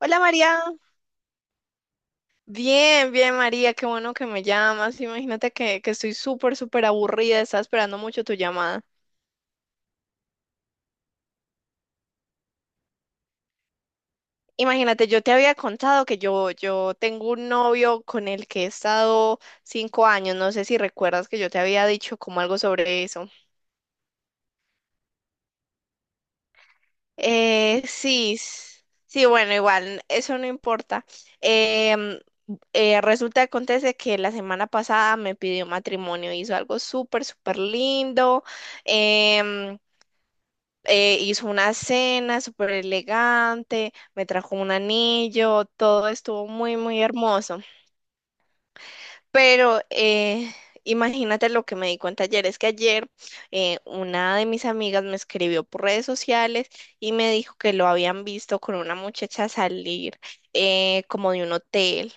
Hola María, bien, bien María, qué bueno que me llamas. Imagínate que estoy súper, súper aburrida, estaba esperando mucho tu llamada. Imagínate, yo te había contado que yo tengo un novio con el que he estado 5 años, no sé si recuerdas que yo te había dicho como algo sobre eso. Sí, bueno, igual, eso no importa. Em, Resulta que acontece que la semana pasada me pidió matrimonio, hizo algo súper, súper lindo. Em, Hizo una cena súper elegante, me trajo un anillo, todo estuvo muy, muy hermoso. Pero imagínate lo que me di cuenta ayer, es que ayer una de mis amigas me escribió por redes sociales y me dijo que lo habían visto con una muchacha salir como de un hotel.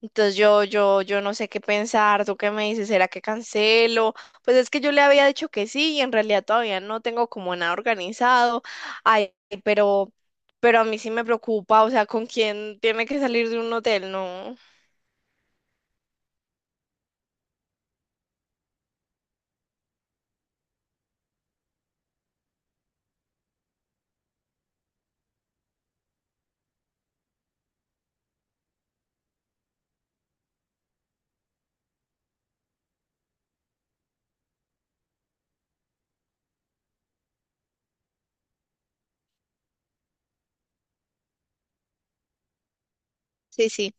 Entonces yo no sé qué pensar, ¿tú qué me dices? ¿Será que cancelo? Pues es que yo le había dicho que sí y en realidad todavía no tengo como nada organizado. Ay, pero, pero a mí sí me preocupa, o sea, ¿con quién tiene que salir de un hotel? No. Sí, sí.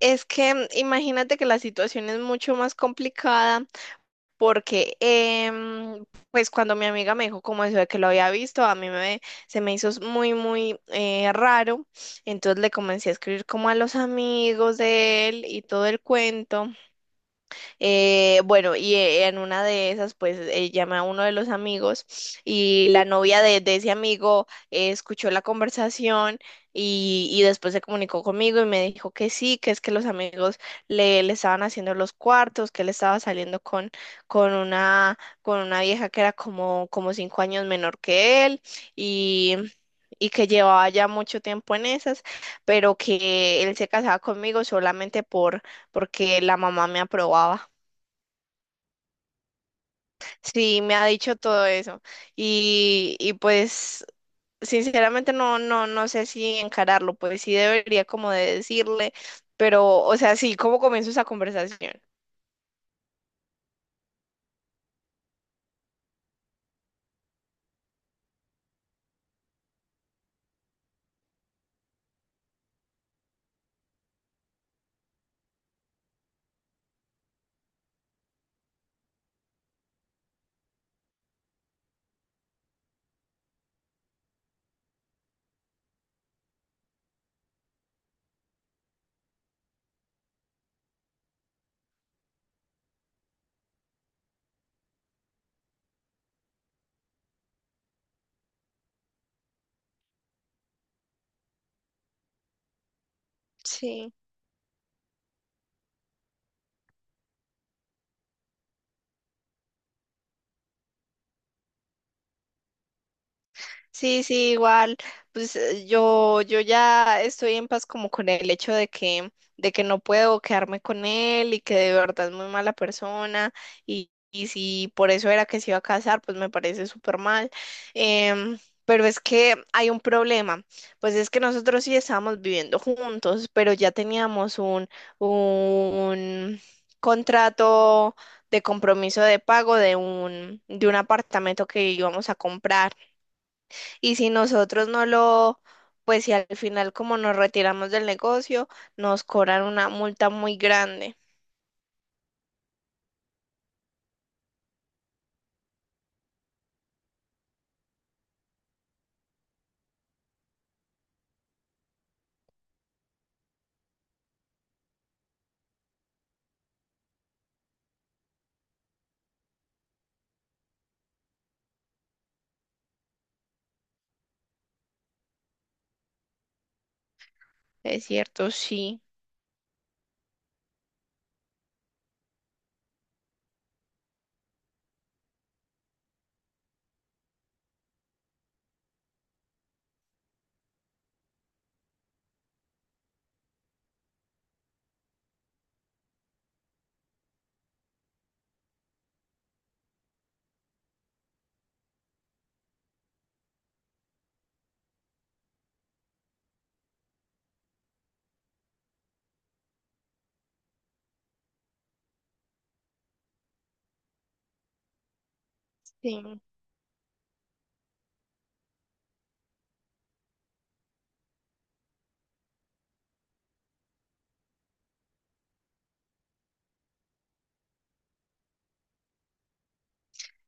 Es que imagínate que la situación es mucho más complicada. Porque, pues cuando mi amiga me dijo como eso de que lo había visto, se me hizo muy, muy raro. Entonces le comencé a escribir como a los amigos de él y todo el cuento. Bueno, y en una de esas, pues llama a uno de los amigos y la novia de ese amigo escuchó la conversación y después se comunicó conmigo y me dijo que sí, que es que los amigos le estaban haciendo los cuartos, que él estaba saliendo con una vieja que era como, como 5 años menor que él y... y que llevaba ya mucho tiempo en esas, pero que él se casaba conmigo solamente porque la mamá me aprobaba. Sí, me ha dicho todo eso. Y pues sinceramente no sé si encararlo, pues sí debería como de decirle, pero, o sea, sí, ¿cómo comienzo esa conversación? Sí. Sí, sí, igual, pues yo ya estoy en paz como con el hecho de que no puedo quedarme con él y que de verdad es muy mala persona y si por eso era que se iba a casar, pues me parece súper mal. Em, pero es que hay un problema, pues es que nosotros sí estábamos viviendo juntos, pero ya teníamos un contrato de compromiso de pago de un apartamento que íbamos a comprar. Y si nosotros no lo, pues si al final como nos retiramos del negocio, nos cobran una multa muy grande. Es cierto, sí. Sí,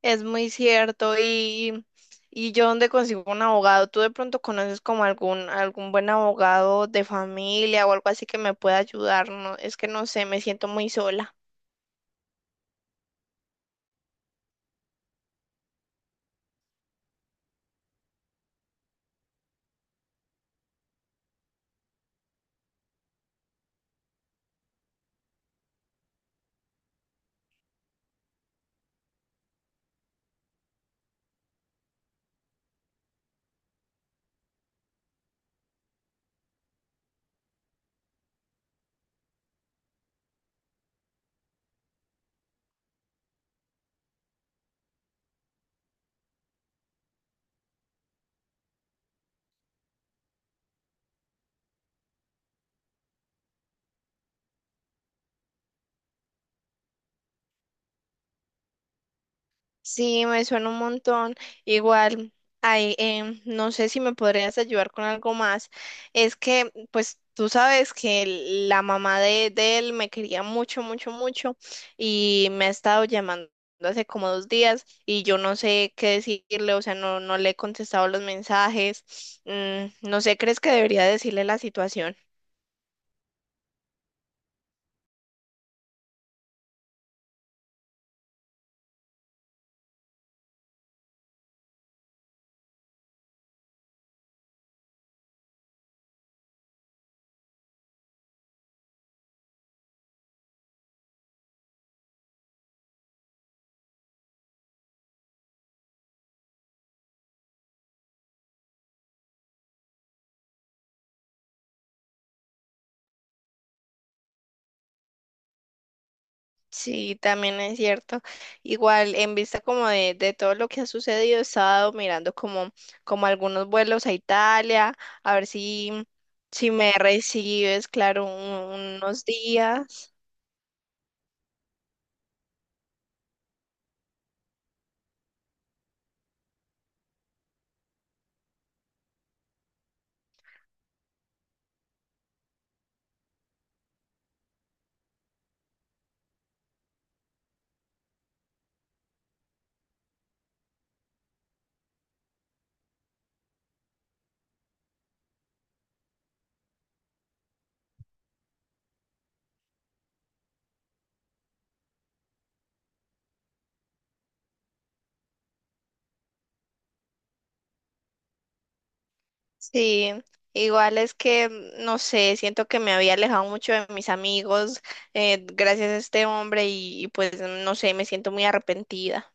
es muy cierto. Y yo dónde consigo un abogado, ¿tú de pronto conoces como algún, algún buen abogado de familia o algo así que me pueda ayudar? No, es que no sé, me siento muy sola. Sí, me suena un montón. Igual, ay, no sé si me podrías ayudar con algo más. Es que, pues, tú sabes que la mamá de él me quería mucho, mucho, mucho y me ha estado llamando hace como 2 días y yo no sé qué decirle, o sea, no, no le he contestado los mensajes. No sé, ¿crees que debería decirle la situación? Sí, también es cierto. Igual, en vista como de todo lo que ha sucedido, he estado mirando como algunos vuelos a Italia, a ver si, si me recibes, claro, unos días. Sí, igual es que, no sé, siento que me había alejado mucho de mis amigos, gracias a este hombre y pues, no sé, me siento muy arrepentida.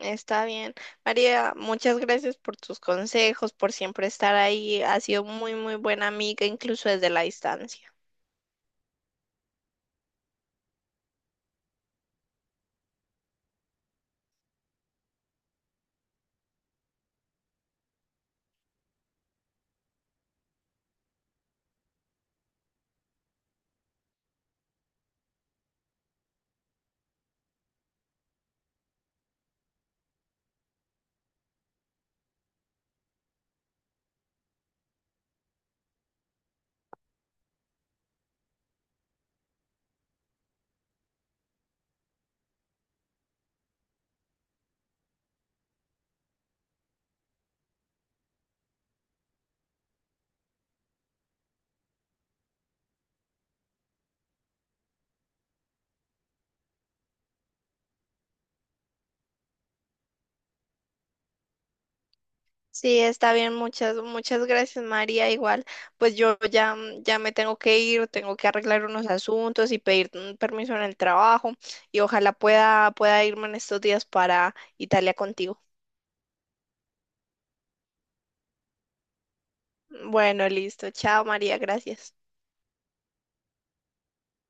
Está bien. María, muchas gracias por tus consejos, por siempre estar ahí. Ha sido muy, muy buena amiga, incluso desde la distancia. Sí, está bien. Muchas, muchas gracias, María. Igual, pues yo ya, ya me tengo que ir, tengo que arreglar unos asuntos y pedir permiso en el trabajo. Y ojalá pueda, pueda irme en estos días para Italia contigo. Bueno, listo. Chao, María. Gracias.